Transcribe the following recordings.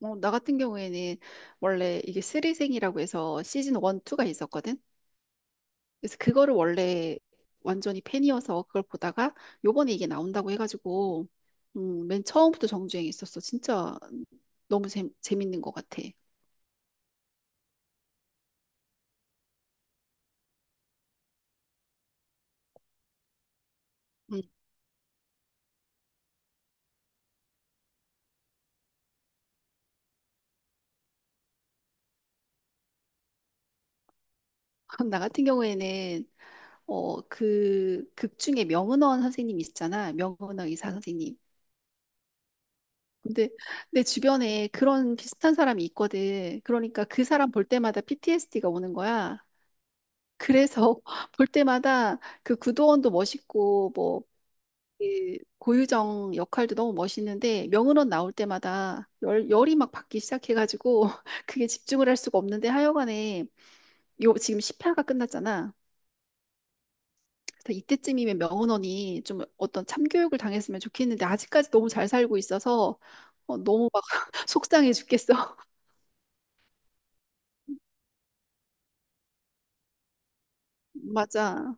나 같은 경우에는 원래 이게 쓰리생이라고 해서 시즌 1, 2가 있었거든. 그래서 그거를 원래 완전히 팬이어서 그걸 보다가 요번에 이게 나온다고 해가지고 맨 처음부터 정주행했었어. 진짜 너무 재밌는 것 같아. 음. 나 같은 경우에는 그 극 중에 명은원 선생님 있잖아. 명은원 의사 선생님. 근데 내 주변에 그런 비슷한 사람이 있거든. 그러니까 그 사람 볼 때마다 PTSD가 오는 거야. 그래서 볼 때마다 그 구도원도 멋있고 뭐 이 고유정 역할도 너무 멋있는데 명은원 나올 때마다 열이 막 받기 시작해가지고 그게 집중을 할 수가 없는데 하여간에 요 지금 10회가 끝났잖아. 그래서 이때쯤이면 명은원이 좀 어떤 참교육을 당했으면 좋겠는데 아직까지 너무 잘 살고 있어서 너무 막 속상해 죽겠어. 맞아.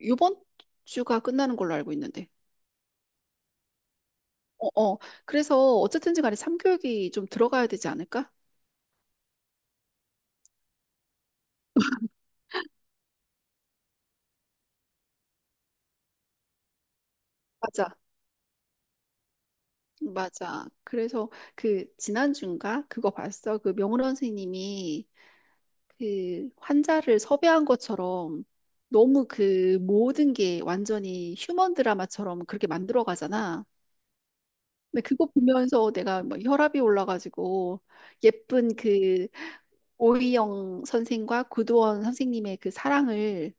이번 주가 끝나는 걸로 알고 있는데. 어, 어. 그래서 어쨌든지 간에 삼교육이 좀 들어가야 되지 않을까? 맞아. 맞아. 그래서 그 지난주인가 그거 봤어. 그 명훈 선생님이 그 환자를 섭외한 것처럼 너무 그 모든 게 완전히 휴먼 드라마처럼 그렇게 만들어 가잖아. 근데 그거 보면서 내가 막 혈압이 올라가지고 예쁜 그 오이영 선생과 구도원 선생님의 그 사랑을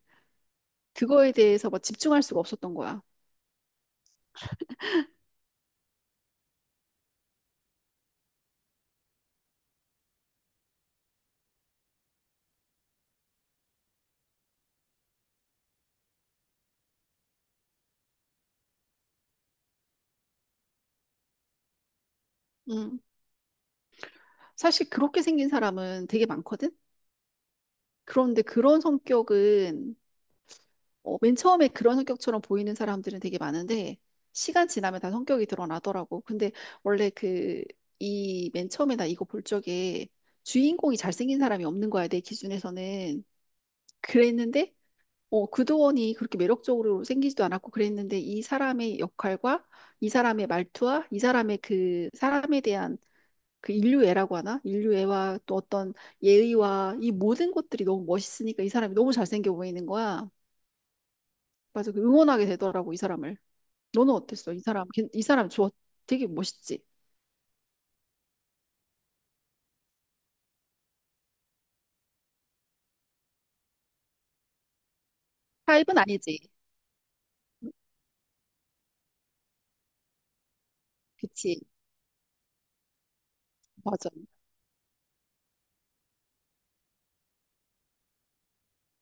그거에 대해서 막 집중할 수가 없었던 거야. 응. 사실 그렇게 생긴 사람은 되게 많거든? 그런데 그런 성격은, 맨 처음에 그런 성격처럼 보이는 사람들은 되게 많은데, 시간 지나면 다 성격이 드러나더라고. 근데 원래 그, 이 맨 처음에 나 이거 볼 적에 주인공이 잘생긴 사람이 없는 거야, 내 기준에서는. 그랬는데, 구도원이 그렇게 매력적으로 생기지도 않았고 그랬는데, 이 사람의 역할과 이 사람의 말투와 이 사람의 그 사람에 대한 그 인류애라고 하나? 인류애와 또 어떤 예의와 이 모든 것들이 너무 멋있으니까 이 사람이 너무 잘생겨 보이는 거야. 맞아. 그 응원하게 되더라고, 이 사람을. 너는 어땠어? 이 사람, 이 사람 좋아. 되게 멋있지? 타입은 아니지. 그치. 맞아.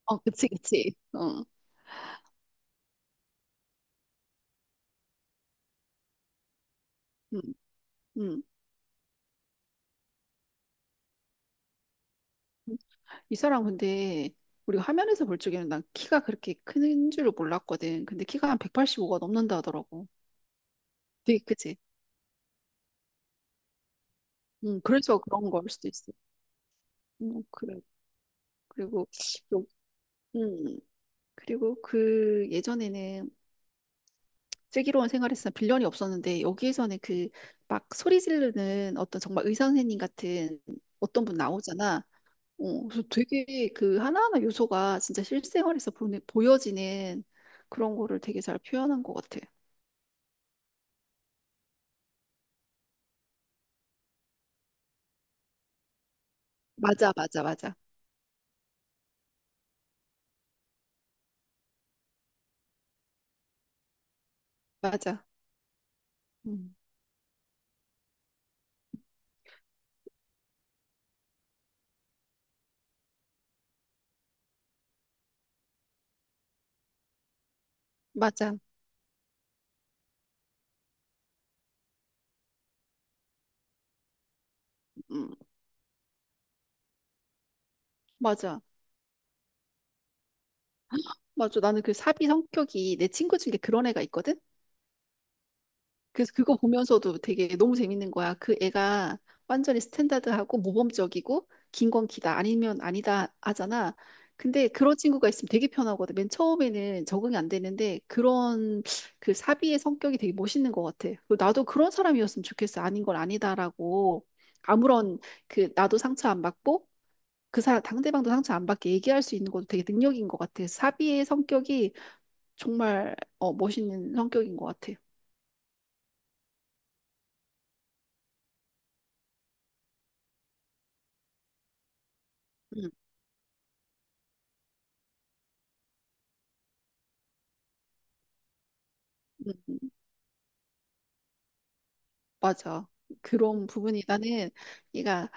어, 그치, 그치. 어, 음, 음. 이 사람 근데 우리가 화면에서 볼 적에는 난 키가 그렇게 큰 줄을 몰랐거든. 근데 키가 한 185가 넘는다 하더라고. 되게 크지? 그래서 그런 걸 수도 있어. 그래. 그리고 요- 음, 그리고 그 예전에는 슬기로운 생활에서는 빌런이 없었는데 여기에서는 그 막 소리 지르는 어떤 정말 의사 선생님 같은 어떤 분 나오잖아. 어, 그래서 되게 그 하나하나 요소가 진짜 실생활에서 보는, 보여지는 그런 거를 되게 잘 표현한 것 같아. 맞아, 맞아, 맞아, 맞아, 음, 맞아, 음, 맞아, 맞아. 나는 그 사비 성격이 내 친구 중에 그런 애가 있거든. 그래서 그거 보면서도 되게 너무 재밌는 거야. 그 애가 완전히 스탠다드하고 모범적이고 긴 건 기다 아니면 아니다 하잖아. 근데 그런 친구가 있으면 되게 편하거든. 맨 처음에는 적응이 안 되는데 그런 그 사비의 성격이 되게 멋있는 것 같아. 그리고 나도 그런 사람이었으면 좋겠어. 아닌 걸 아니다라고 아무런 그 나도 상처 안 받고 그 상대방도 상처 안 받게 얘기할 수 있는 것도 되게 능력인 것 같아. 사비의 성격이 정말 멋있는 성격인 것 같아. 응, 응. 맞아. 그런 부분이 나는 얘가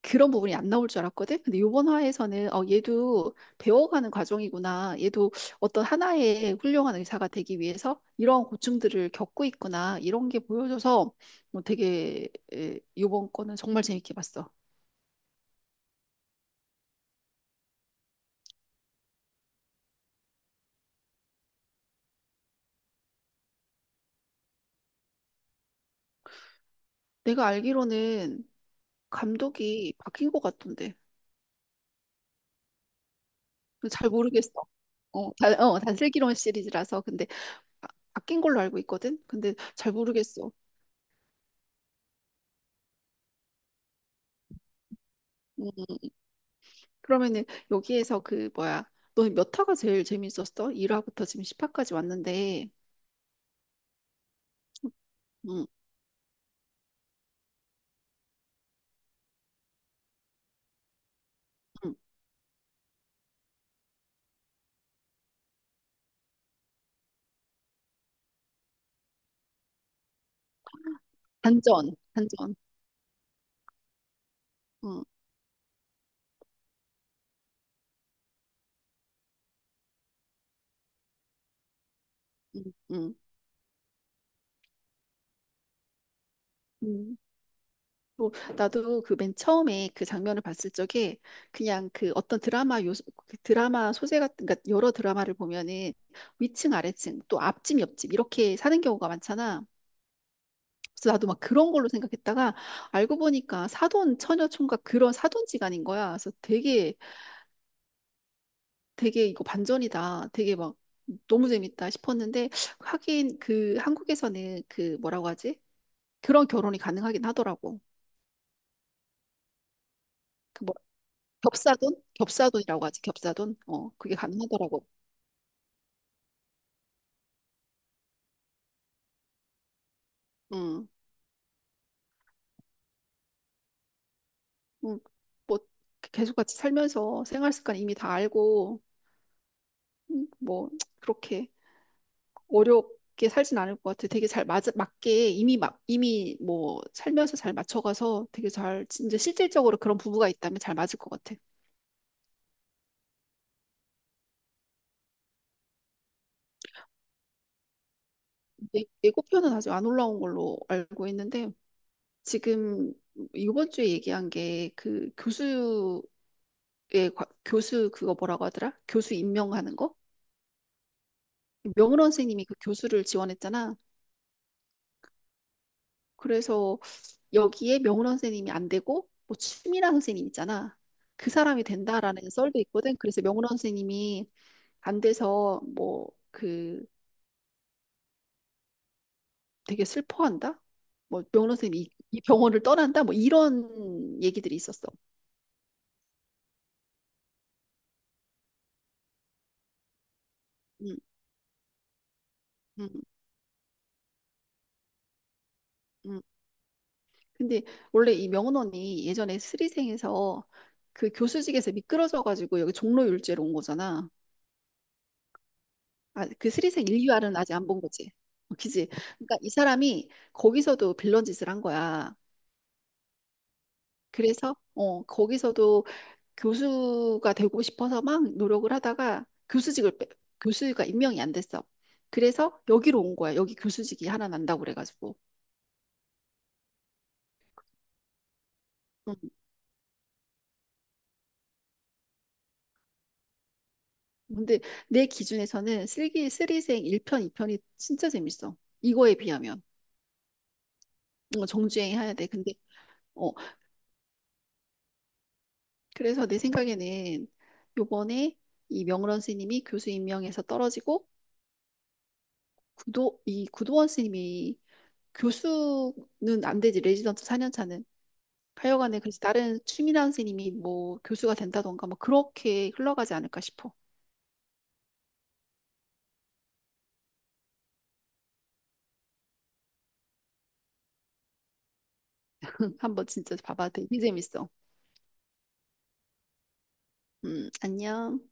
그런 부분이 안 나올 줄 알았거든. 근데 이번 화에서는 어 얘도 배워가는 과정이구나. 얘도 어떤 하나의 훌륭한 의사가 되기 위해서 이러한 고충들을 겪고 있구나. 이런 게 보여줘서 뭐 되게 이번 거는 정말 재밌게 봤어. 내가 알기로는 감독이 바뀐 것 같던데. 잘 모르겠어. 어, 다, 어, 단슬기론 시리즈라서 근데 바뀐 걸로 알고 있거든. 근데 잘 모르겠어. 어, 그러면은 여기에서 그 뭐야? 너 몇 화가 제일 재밌었어? 1화부터 지금 10화까지 왔는데. 응, 응. 반전, 반전. 응, 응, 응. 응. 또 나도 그 맨 처음에 그 장면을 봤을 적에 그냥 그 어떤 드라마 요소, 그 드라마 소재 같은, 그러니까 여러 드라마를 보면은 위층, 아래층, 또 앞집, 옆집 이렇게 사는 경우가 많잖아. 그래서 나도 막 그런 걸로 생각했다가 알고 보니까 사돈, 처녀 총각 그런 사돈지간인 거야. 그래서 되게 이거 반전이다. 되게 막 너무 재밌다 싶었는데 하긴 그 한국에서는 그 뭐라고 하지? 그런 결혼이 가능하긴 하더라고. 그 뭐 겹사돈? 겹사돈이라고 하지. 겹사돈? 어, 그게 가능하더라고. 응. 응. 뭐 계속 같이 살면서 생활 습관 이미 다 알고 뭐 그렇게 어렵게 살진 않을 것 같아. 되게 맞게 이미 막 이미 뭐 살면서 잘 맞춰가서 되게 잘 진짜 실질적으로 그런 부부가 있다면 잘 맞을 것 같아. 예고편은 아직 안 올라온 걸로 알고 있는데 지금 이번 주에 얘기한 게 그 교수의 교수 그거 뭐라고 하더라? 교수 임명하는 거? 명훈 선생님이 그 교수를 지원했잖아. 그래서 여기에 명훈 선생님이 안 되고 뭐 추미란 선생님 있잖아. 그 사람이 된다라는 썰도 있거든. 그래서 명훈 선생님이 안 돼서 뭐 그 되게 슬퍼한다. 뭐 명훈 선생님이 이 병원을 떠난다. 뭐 이런 얘기들이 있었어. 음, 음. 음, 근데 원래 이 명원원이 예전에 스리생에서 그 교수직에서 미끄러져가지고 여기 종로 율제로 온 거잖아. 아, 그 스리생 1유알은 아직 안 본 거지. 어, 그지? 그러니까 이 사람이 거기서도 빌런 짓을 한 거야. 그래서 어, 거기서도 교수가 되고 싶어서 막 노력을 하다가 교수가 임명이 안 됐어. 그래서 여기로 온 거야. 여기 교수직이 하나 난다고 그래가지고. 어, 근데 내 기준에서는 슬기 슬리생 1편, 2편이 진짜 재밌어. 이거에 비하면. 어, 정주행 해야 돼. 근데 어, 그래서 내 생각에는 요번에 이 명런 스님이 교수 임명에서 떨어지고 구도 이 구도원 스님이 교수는 안 되지. 레지던트 4년 차는. 하여간에 그래서 다른 추미란 스님이 뭐 교수가 된다던가 뭐 그렇게 흘러가지 않을까 싶어. 응, 한번 진짜 봐봐. 되게 재밌어. 안녕.